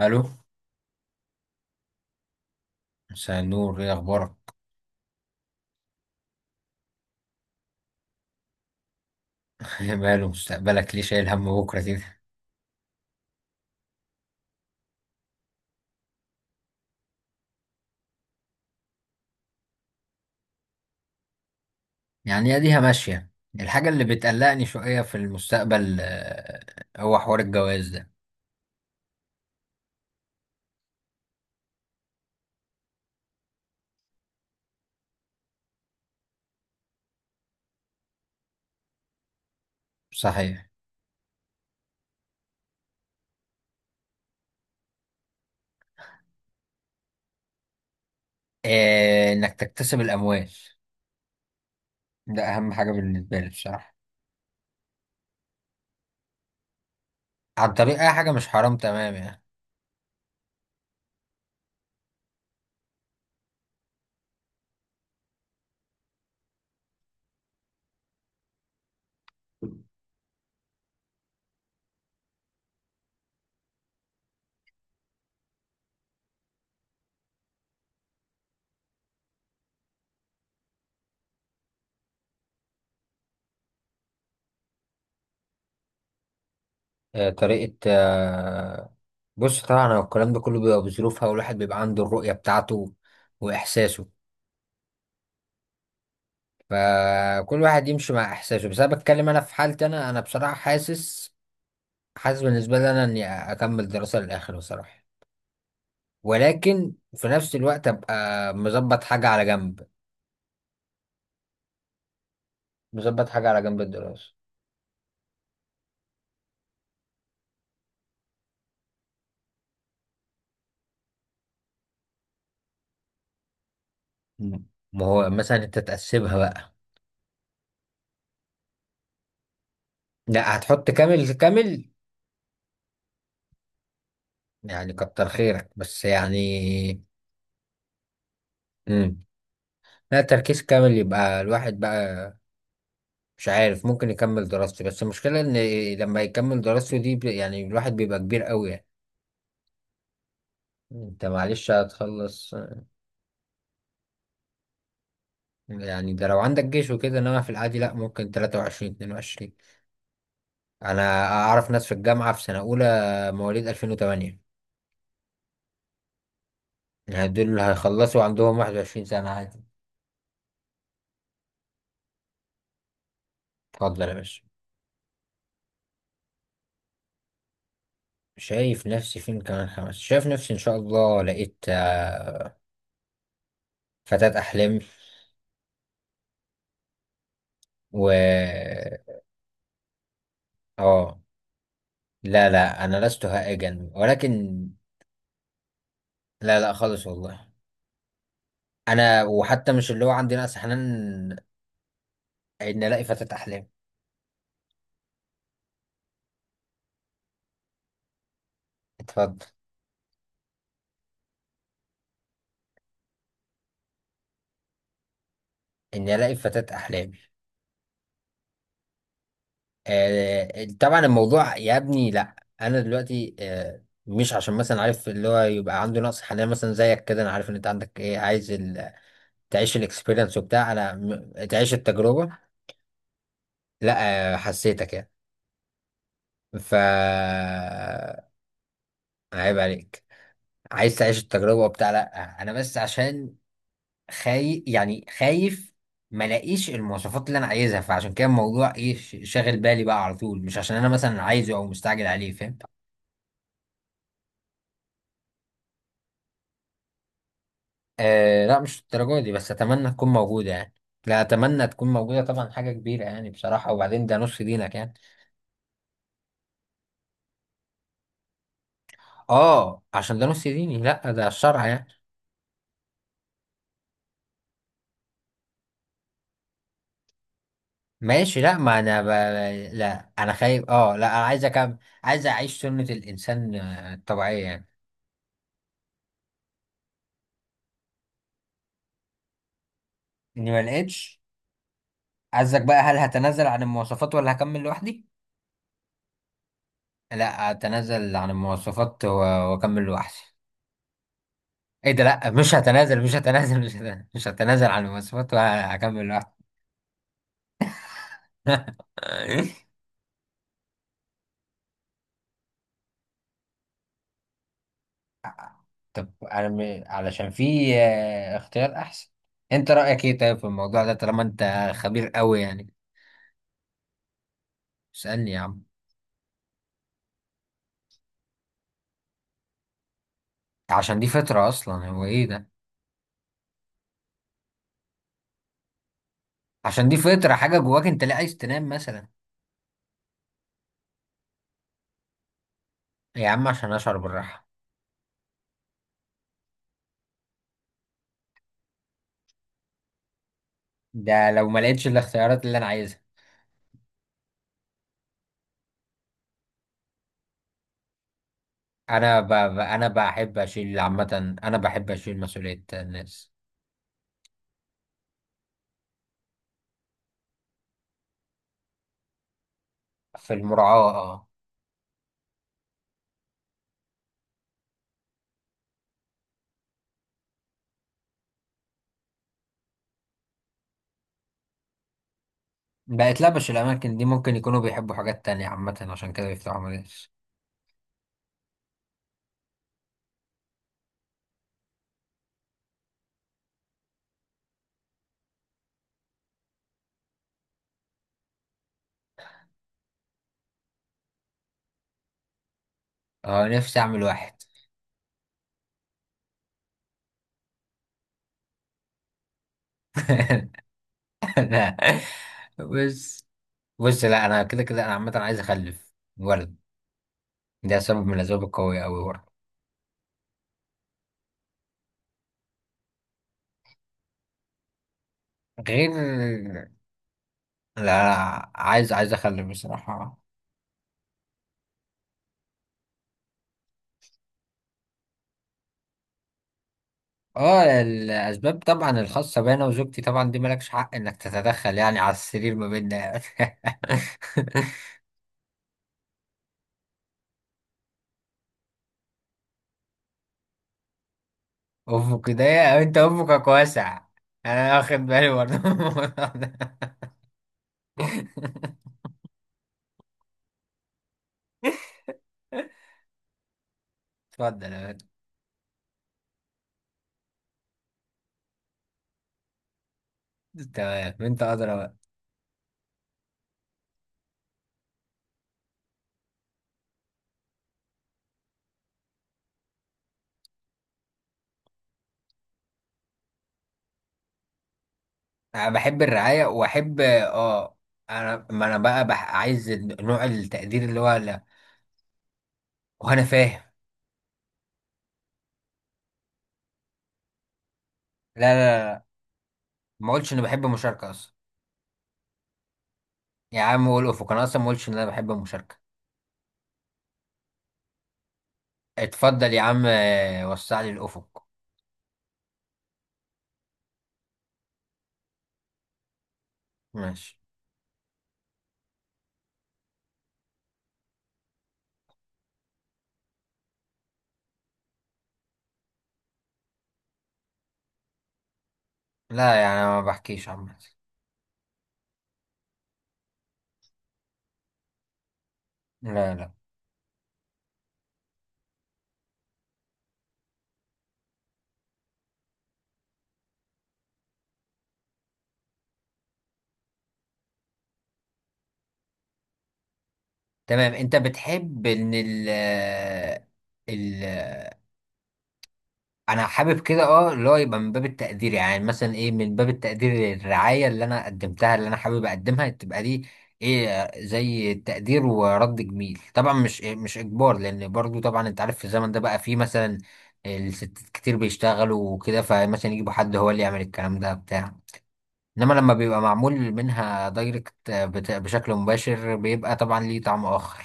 الو، مساء النور. ايه اخبارك؟ ماله مستقبلك ليه شايل هم بكره كده؟ يعني اديها ماشيه. الحاجه اللي بتقلقني شويه في المستقبل هو حوار الجواز ده. صحيح. انك تكتسب الاموال، ده اهم حاجه بالنسبه لي بصراحه. عن طريق اي حاجه مش حرام، تمام يعني. طريقه بص، طبعا هو الكلام ده كله بيبقى بظروفها، والواحد بيبقى عنده الرؤيه بتاعته واحساسه، فكل واحد يمشي مع احساسه. بس انا بتكلم انا في حالتي، انا بصراحه حاسس. حاسس بالنسبة لي أنا إني أكمل دراسة للآخر بصراحة، ولكن في نفس الوقت أبقى مظبط حاجة على جنب. مظبط حاجة على جنب الدراسة. مم. ما هو مثلا أنت تقسمها بقى. لا، هتحط كامل كامل، يعني كتر خيرك بس يعني. مم. لا، تركيز كامل. يبقى الواحد بقى مش عارف ممكن يكمل دراسته، بس المشكلة إن لما يكمل دراسته دي يعني الواحد بيبقى كبير أوي يعني. أنت معلش هتخلص. يعني ده لو عندك جيش وكده، انما في العادي لا، ممكن 23 22. انا اعرف ناس في الجامعة في سنة اولى مواليد 2008، يعني دول اللي هيخلصوا عندهم 21 سنة عادي. اتفضل يا باشا. شايف نفسي فين كمان 5، شايف نفسي ان شاء الله لقيت فتاة احلامي و اه. لا لا، انا لست هائجا ولكن. لا لا خالص والله. انا وحتى مش اللي هو عندي نقص حنان. ان الاقي فتاة احلامي. اتفضل. اني الاقي فتاة احلامي. طبعا الموضوع يا ابني لا. انا دلوقتي مش عشان مثلا عارف اللي هو يبقى عنده نقص حنان مثلا زيك كده، انا عارف ان انت عندك ايه، عايز تعيش الاكسبيرينس وبتاع، تعيش التجربه. لا، حسيتك يعني ف عيب عليك عايز تعيش التجربه وبتاع. لا انا بس عشان خايف، يعني خايف ما الاقيش المواصفات اللي انا عايزها، فعشان كده الموضوع ايه شاغل بالي بقى على طول، مش عشان انا مثلا عايزه او مستعجل عليه، فاهم؟ آه لا، مش الدرجة دي، بس أتمنى تكون موجودة يعني. لا أتمنى تكون موجودة طبعا، حاجة كبيرة يعني بصراحة، وبعدين ده نص دينك يعني. آه، عشان ده نص ديني، لا ده الشرع يعني. ماشي، لا أنا خايف، آه لا أنا عايز أكمل. عايز أعيش سنة الإنسان الطبيعية يعني. إني ما لقيتش، عايزك بقى هل هتنازل عن المواصفات ولا هكمل لوحدي؟ لا أتنازل عن المواصفات و- وأكمل لوحدي. إيه ده، لا مش هتنازل مش هتنازل مش هتنازل, مش هتنازل عن المواصفات وهكمل لوحدي. طب على علشان في اختيار احسن. انت رأيك ايه طيب في الموضوع ده طالما انت خبير قوي يعني؟ اسألني يا عم. عشان دي فطرة اصلا، هو ايه ده. عشان دي فطرة، حاجة جواك، انت لا عايز تنام مثلا؟ يا عم عشان اشعر بالراحة. ده لو ما لقيتش الاختيارات اللي انا عايزها. انا ب... ب- انا بحب اشيل عامة، انا بحب اشيل مسؤولية الناس. في المراعاة اه. بقت لبش الاماكن دي ممكن يكونوا بيحبوا حاجات تانية عامة، عشان كده بيفتحوا مدارس. اه، نفسي اعمل واحد. بس، بص لا، انا كده كده انا عامه عايز اخلف ولد، ده سبب من الاسباب القويه قوي برضه. غير. لا لا، عايز عايز اخلف بصراحه. اه الاسباب طبعا الخاصه بينا وزوجتي طبعا دي مالكش حق انك تتدخل، يعني على السرير ما بيننا يعني. افق ده. انت افقك واسع، انا واخد بالي برضه من الموضوع ده. اتفضل يا بنت. تمام انت ادرى. أنا بحب الرعاية وأحب آه. أنا ما أنا بقى بح... عايز نوع التقدير اللي هو لا. وأنا فاهم. لا لا لا، ما أقولش إني بحب المشاركة أصلا. يا عم قول أفق، أنا أصلا ما أقولش إن أنا بحب المشاركة. اتفضل يا عم، وسع لي الأفق. ماشي. لا يعني أنا ما بحكيش عامة. لا لا. تمام أنت بتحب إن ال ال انا حابب كده اه اللي هو يبقى من باب التقدير، يعني مثلا ايه، من باب التقدير للرعاية اللي انا قدمتها اللي انا حابب اقدمها تبقى دي ايه، زي تقدير ورد جميل طبعا، مش اجبار، لان برضو طبعا انت عارف في الزمن ده بقى فيه مثلا الستات كتير بيشتغلوا وكده، فمثلا يجيبوا حد هو اللي يعمل الكلام ده بتاع، انما لما بيبقى معمول منها دايركت، بشكل مباشر بيبقى طبعا ليه طعم اخر.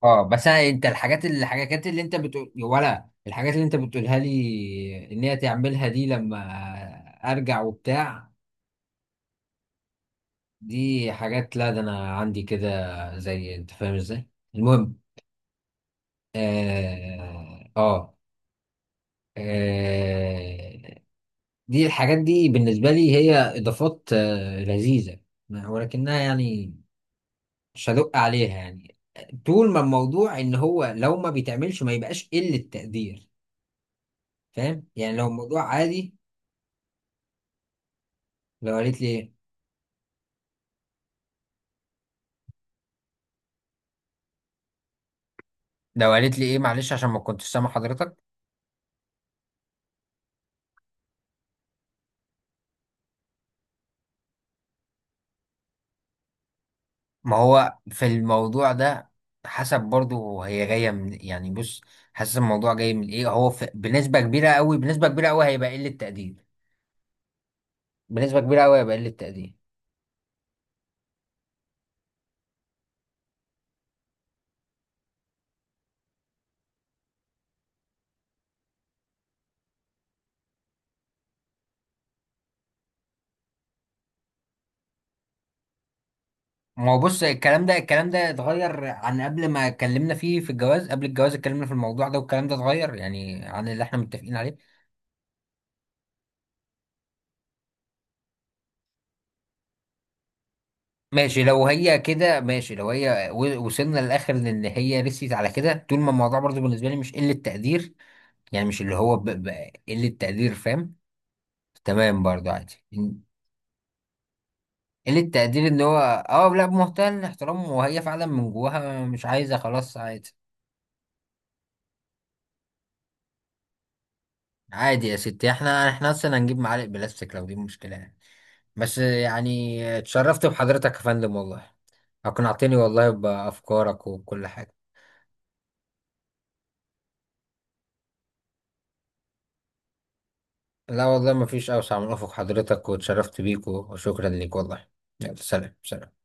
اه بس أنا، انت الحاجات الحاجات اللي انت بتقول ولا الحاجات اللي انت بتقولها لي ان هي تعملها دي لما ارجع وبتاع؟ دي حاجات، لا ده انا عندي كده، زي انت فاهم ازاي، المهم. اه اه. آه، دي الحاجات دي بالنسبة لي هي اضافات لذيذة، ولكنها يعني مش هدق عليها يعني. طول ما الموضوع ان هو لو ما بيتعملش ما يبقاش قلة تقدير، فاهم؟ يعني لو الموضوع عادي. لو قالت لي ايه. لو قالت لي ايه معلش عشان ما كنتش سامع حضرتك. ما هو في الموضوع ده حسب برضه هي جايه من إيه. يعني بص، حسب الموضوع جاي من ايه. هو في بنسبه كبيره قوي، بنسبه كبيره قوي هيبقى قله تقدير. بنسبه كبيره قوي هيبقى قله تقدير. ما هو بص الكلام ده، الكلام ده اتغير عن قبل ما اتكلمنا فيه، في الجواز قبل الجواز اتكلمنا في الموضوع ده والكلام ده اتغير يعني عن اللي احنا متفقين عليه. ماشي لو هي كده، ماشي لو هي وصلنا للاخر ان هي رسيت على كده، طول ما الموضوع برضه بالنسبه لي مش قله تقدير. يعني مش اللي هو قلة تقدير، فاهم؟ تمام، برضه عادي. قلة تقدير ان هو اه، لا بمنتهى الاحترام وهي فعلا من جواها مش عايزة، خلاص عادي. عادي يا ستي، احنا احنا اصلا هنجيب معالق بلاستيك لو دي مشكلة يعني. بس يعني اتشرفت بحضرتك يا فندم والله، اقنعتني والله بأفكارك وكل حاجة. لا والله مفيش أوسع من أفق حضرتك، واتشرفت بيك وشكرا ليك والله. يلا سلام سلام.